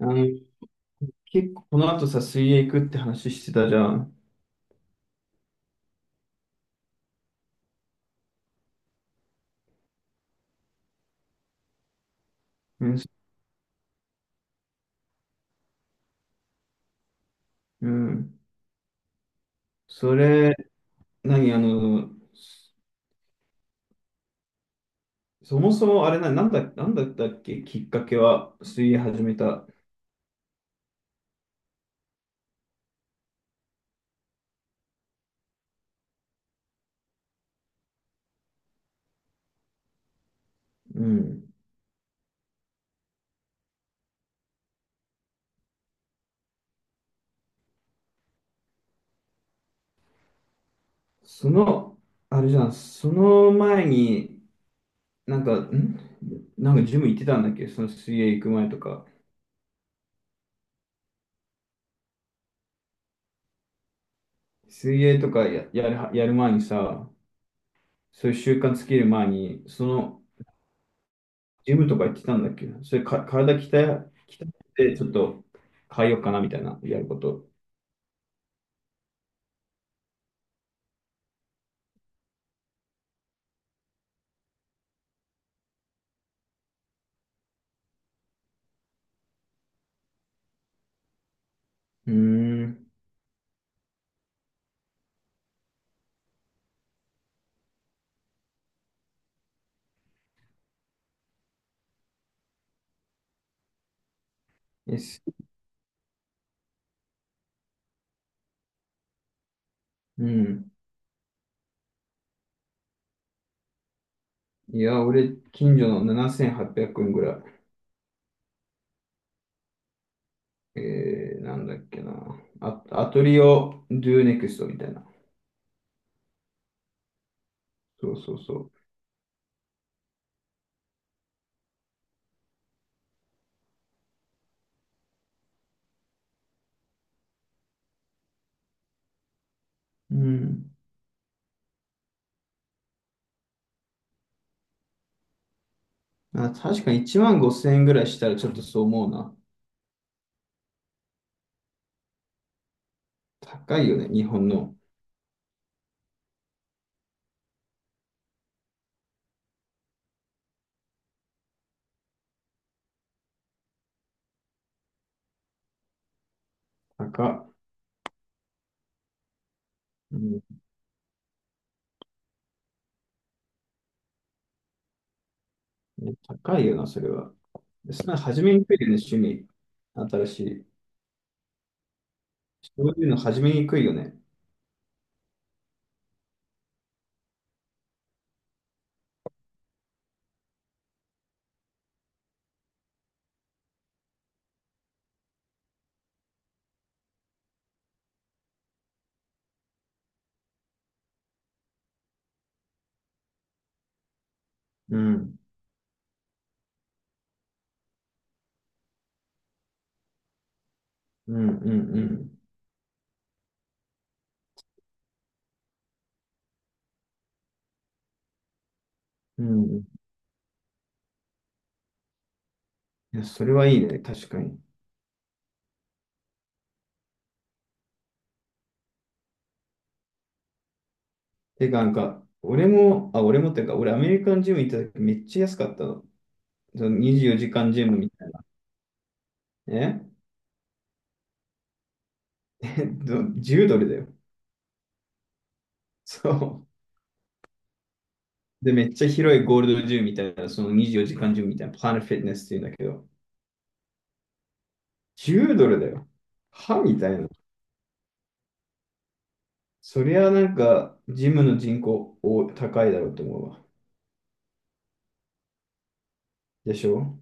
あの、結構この後さ、水泳行くって話してたじゃん。うん。うん。それ、何、あの、そそもそもあれな、なんだったっけ、きっかけは、水泳始めた。うん。その、あれじゃん、その前に、なんか、んなんかジム行ってたんだっけ、その水泳行く前とか。水泳とかやるは、やる前にさ、そういう習慣つける前に、その、ジムとか行ってたんだっけな。それか、体鍛え、鍛えて、ちょっと変えようかなみたいな、やること。うーん。です。うん。いや、俺、近所の7800円ぐらい。なんだっけな。あ、アトリオ・ドゥ・ネクストみたいな。そうそうそう。うん。あ、確かに1万5000円ぐらいしたらちょっとそう思うな。高いよね、日本の。高。うん、高いよな、それは。それ初めにくいよね、趣味。新しい。そういうの始めにくいよね。うん。うん、うん、うん。うん。いや、それはいいね。確かに。てか、なんか、俺も、俺もっていうか、俺アメリカンジム行った時めっちゃ安かったの。その24時間ジムみたいな。え10 ドルだよ。そう。で、めっちゃ広いゴールドジムみたいな、その24時間ジムみたいな、プラネットフィットネスっていうんだけど、10ドルだよ。はみたいな。そりゃなんか、ジムの人口お高いだろうと思うわ。でしょ。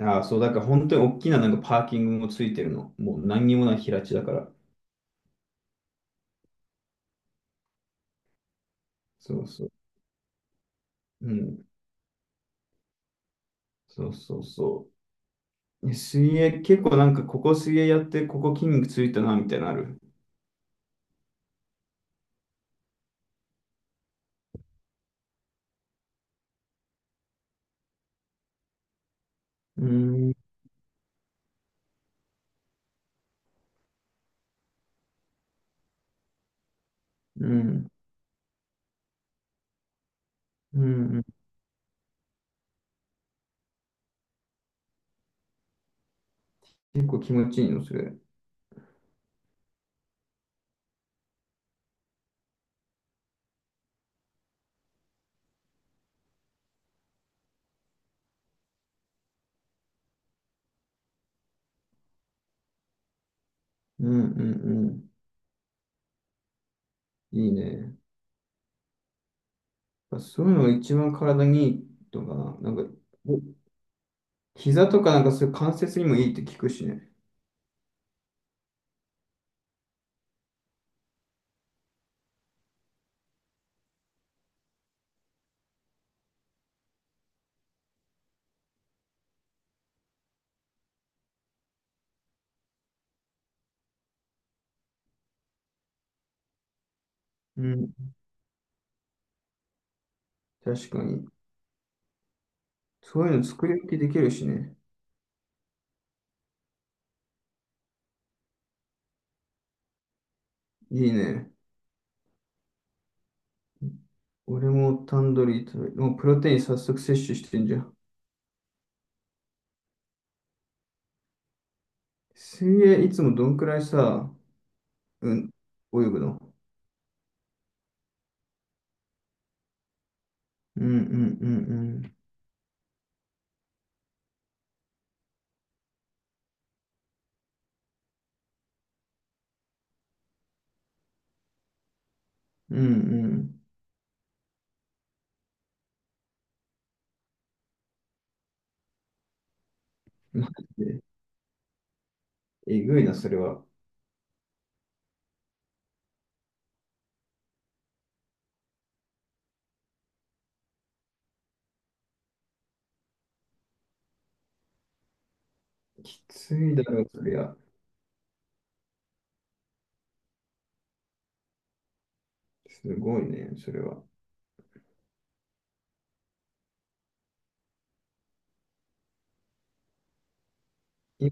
ああ、そう、だから本当に大きななんかパーキングもついてるの。もう何にもない平地だから。そうそう。うん。そうそうそう。水泳、結構なんかここ水泳やって、ここ筋肉ついたな、みたいなのある。うん。うん。うん。うん。結構気持ちいいの、それ。うんうんうん。いいね。やっぱそういうのが一番体にいいとかな。なんか、お膝とかなんかそういう関節にもいいって聞くしね。うん。確かに。そういうの作り置きできるしね。いいね。俺もタンドリー食べ、もうプロテイン早速摂取してんじゃん。水泳いつもどんくらいさ、うん、泳ぐの。うんうんうんうん。うんうん。マジで、えぐいな、それは。きついだろ、そりゃ。すごいね、それは。い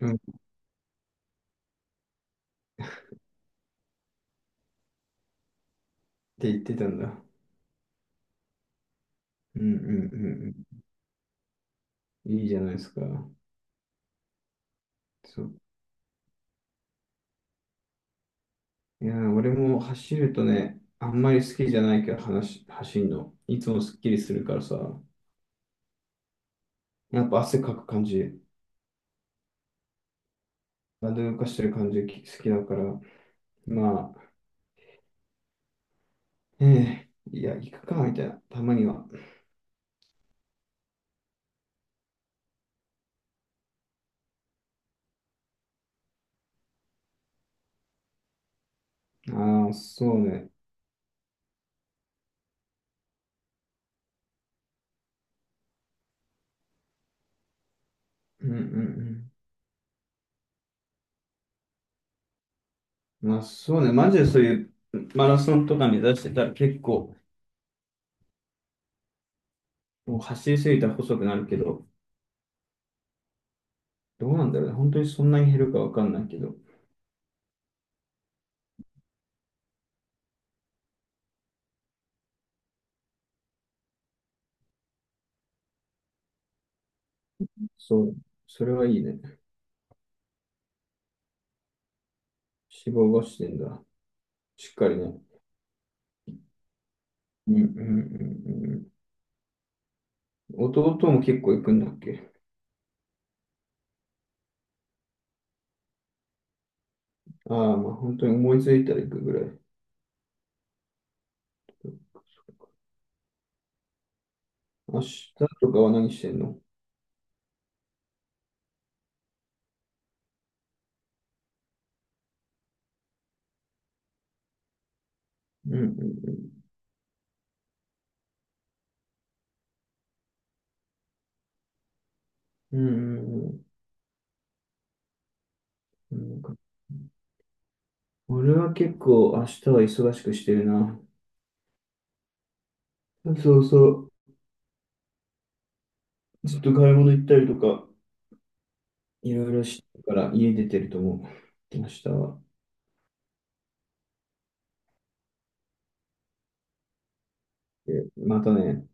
うんって言ってたんだ。うんうんうんうん。いいじゃないですか。そう。いやー、俺も走るとね、あんまり好きじゃないけど、話、走るの。いつもすっきりするからさ、やっぱ汗かく感じ。バンド動かしてる感じ好きだから、まあ、ええいや、行くか、みたいな、たまには。ああ、そうね。うんうんうん。まあ、そうね。マジでそういうマラソンとか目指してたら結構、もう走りすぎたら細くなるけど、どうなんだろうね。本当にそんなに減るかわかんないけど。そう。それはいいね。脂肪がしてんだ。しっかりね。うんうんうんうん。弟も結構行くんだっけ。ああ、まあ本当に思いついたら行くぐらい。明日とかは何してんの。うんうんうん。うんうんうん。うん。俺は結構明日は忙しくしてるな。そうそう。ずっと買い物行ったりとか、いろいろしてるから家出てると思う。明日は。またね。